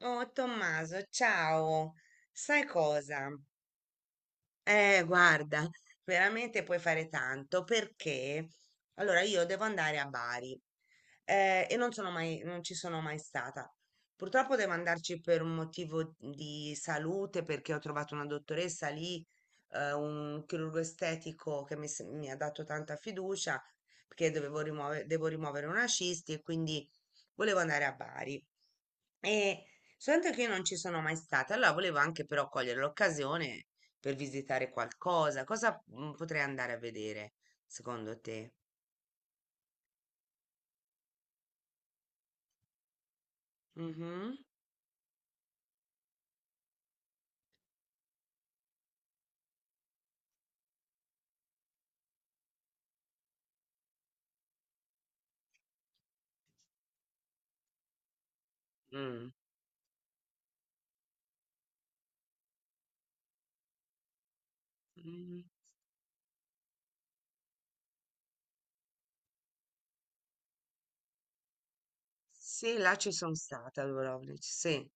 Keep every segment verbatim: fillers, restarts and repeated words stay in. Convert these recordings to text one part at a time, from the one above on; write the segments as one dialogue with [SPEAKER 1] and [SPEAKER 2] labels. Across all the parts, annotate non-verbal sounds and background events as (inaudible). [SPEAKER 1] Oh Tommaso, ciao. Sai cosa? Eh, guarda, veramente puoi fare tanto perché allora io devo andare a Bari eh, e non sono mai, non ci sono mai stata. Purtroppo devo andarci per un motivo di salute perché ho trovato una dottoressa lì, eh, un chirurgo estetico che mi, s- mi ha dato tanta fiducia perché dovevo rimuovere, devo rimuovere una cisti e quindi volevo andare a Bari. E soltanto che io non ci sono mai stata, allora volevo anche però cogliere l'occasione per visitare qualcosa. Cosa mm, potrei andare a vedere, secondo te? Mhm. Mm. Mm. Sì, là ci sono stata, a Dubrovnik, sì.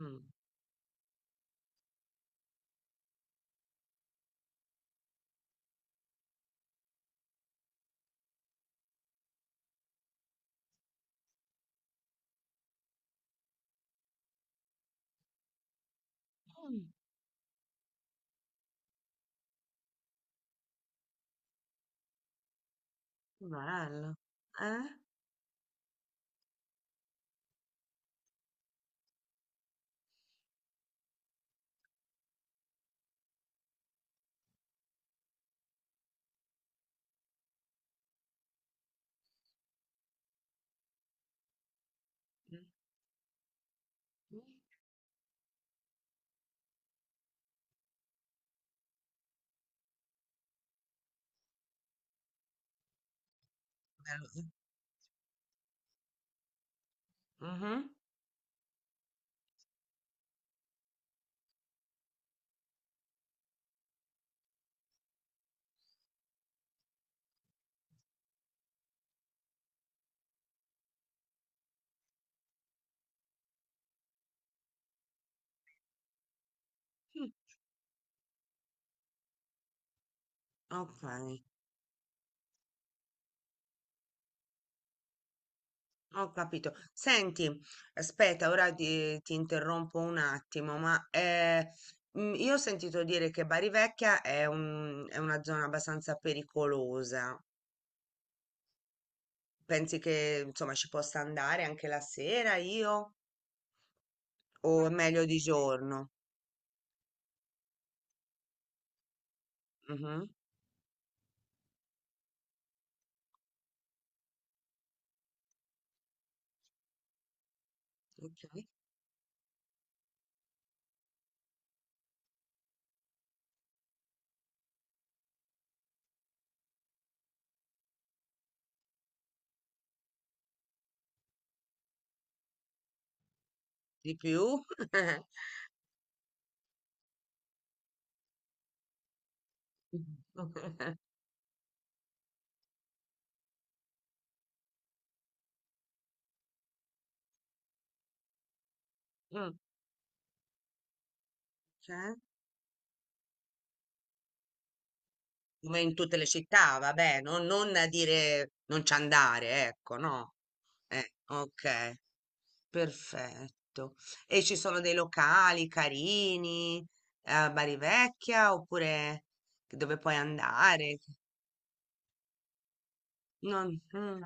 [SPEAKER 1] Mm. Mm, bello. Eh? Mm. Bello. Mhm. Ok. Ho capito. Senti, aspetta, ora ti, ti interrompo un attimo, ma eh, mm, io ho sentito dire che Bari Vecchia è un- è una zona abbastanza pericolosa. Pensi che insomma ci possa andare anche la sera io? O è meglio di giorno? Mhm. Ok. Di più? (laughs) Mm, cioè? Come in tutte le città, vabbè, non, non a dire non ci andare, ecco, no? Eh, ok. Perfetto. E ci sono dei locali carini eh, a Bari Vecchia oppure dove puoi andare? Non... mm,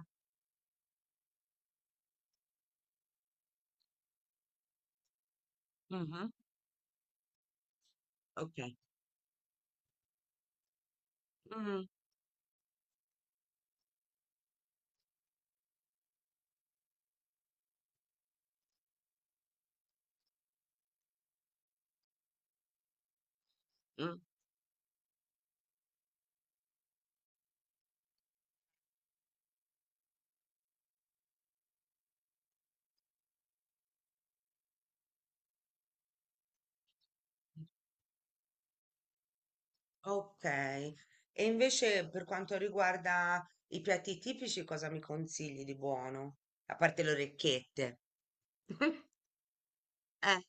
[SPEAKER 1] mhm, ok. Mm, mm, ok. E invece per quanto riguarda i piatti tipici, cosa mi consigli di buono? A parte le orecchiette. Eh,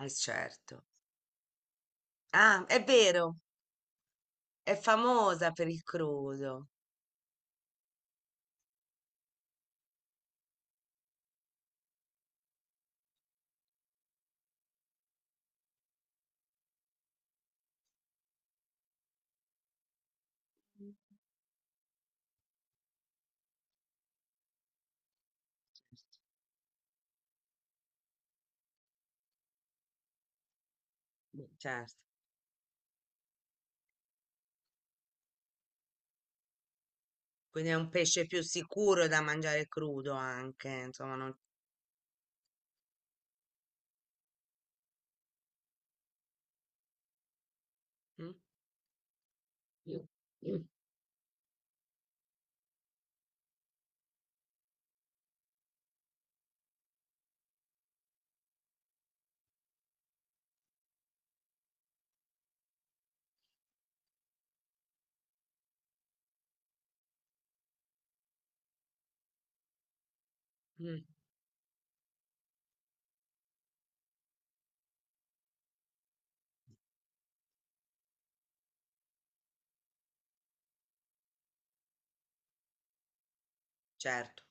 [SPEAKER 1] eh, certo. Ah, è vero, è famosa per il crudo. Beh, certo. Quindi è un pesce più sicuro da mangiare crudo anche, insomma, non... Mm? Mm, mm, certo.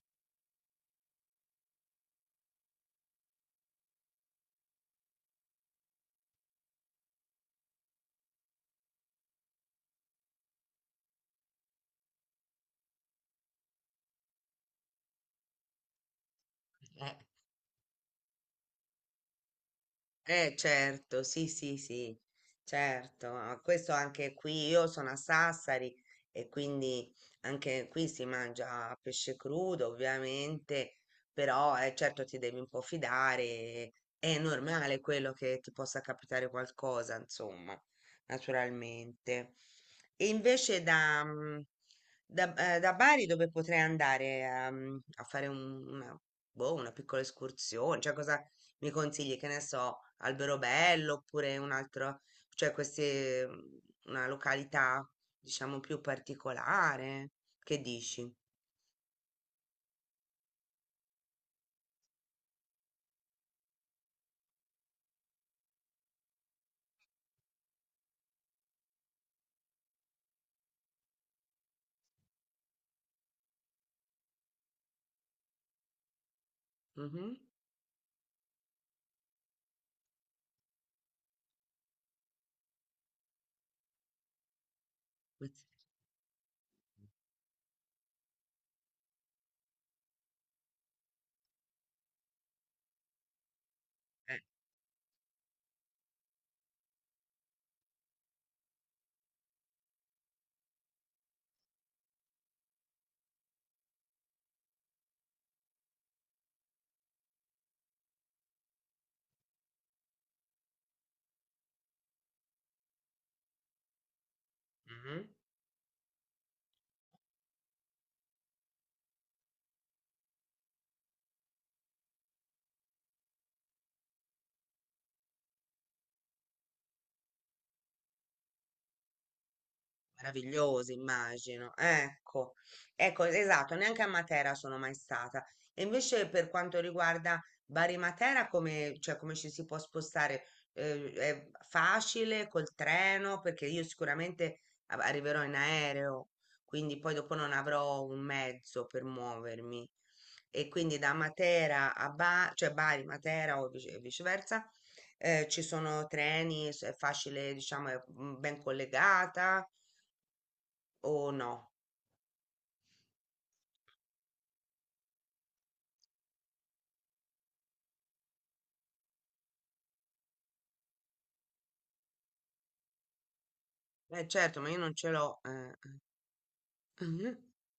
[SPEAKER 1] Eh. Eh, certo, sì, sì, sì, certo. Ah, questo anche qui, io sono a Sassari e quindi anche qui si mangia pesce crudo, ovviamente, però eh, certo ti devi un po' fidare, è normale quello che ti possa capitare qualcosa, insomma, naturalmente. E invece da, mm, da, eh, da Bari dove potrei andare ehm, a, fare un- una, boh, una piccola escursione, cioè cosa mi consigli, che ne so, Alberobello oppure un altro, cioè queste, mm, una località, diciamo, più particolare? Che dici? Mhm. Eh, mhm. Meraviglioso, immagino. Ecco, ecco, esatto, neanche a Matera sono mai stata. E invece per quanto riguarda Bari Matera, come, cioè, come ci si può spostare? Eh, è facile col treno? Perché io sicuramente a- arriverò in aereo, quindi poi dopo non avrò un mezzo per muovermi. E quindi da Matera a Bari, cioè Bari, Matera o vice- viceversa, eh, ci sono treni, s- è facile, diciamo, è mm, ben collegata. Oh no, eh certo, ma io non ce l'ho. Eh. (laughs)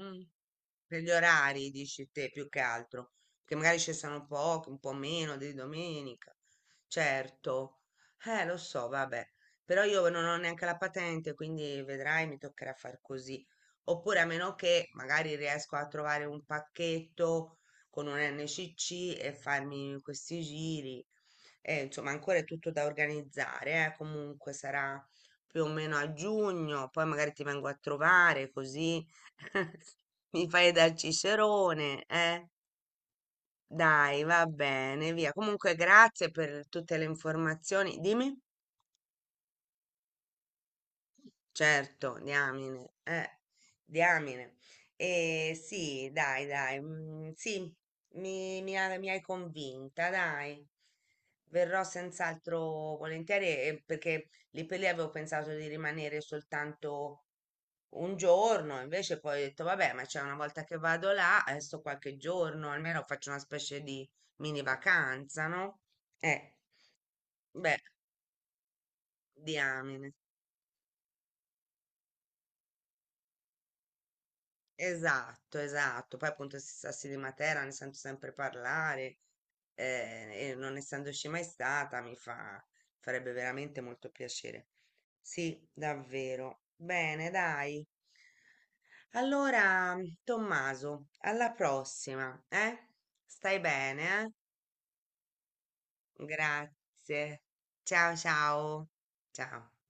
[SPEAKER 1] Mm. Per gli orari, dici te, più che altro, che magari cessano poco, un po' meno di domenica. Certo, eh, lo so, vabbè, però io non ho neanche la patente, quindi vedrai, mi toccherà far così. Oppure a meno che magari riesco a trovare un pacchetto con un N C C e farmi questi giri. Eh, insomma, ancora è tutto da organizzare, eh, comunque sarà più o meno a giugno, poi magari ti vengo a trovare così. (laughs) Mi fai da Cicerone, eh? Dai, va bene, via. Comunque, grazie per tutte le informazioni. Dimmi? Certo, diamine, eh, diamine. Eh, sì, dai, dai, mm, sì, mi, mi ha- mi hai convinta, dai. Verrò senz'altro volentieri eh, perché lì per lì avevo pensato di rimanere soltanto un giorno, invece poi ho detto, vabbè, ma c'è una volta che vado là, adesso qualche giorno, almeno faccio una specie di mini vacanza, no? Eh, beh, diamine. Esatto, esatto. Poi appunto si Sassi di Matera ne sento sempre parlare eh, e non essendoci mai stata mi fa, farebbe veramente molto piacere. Sì, davvero. Bene, dai. Allora, Tommaso, alla prossima, eh? Stai bene, eh? Grazie. Ciao ciao. Ciao.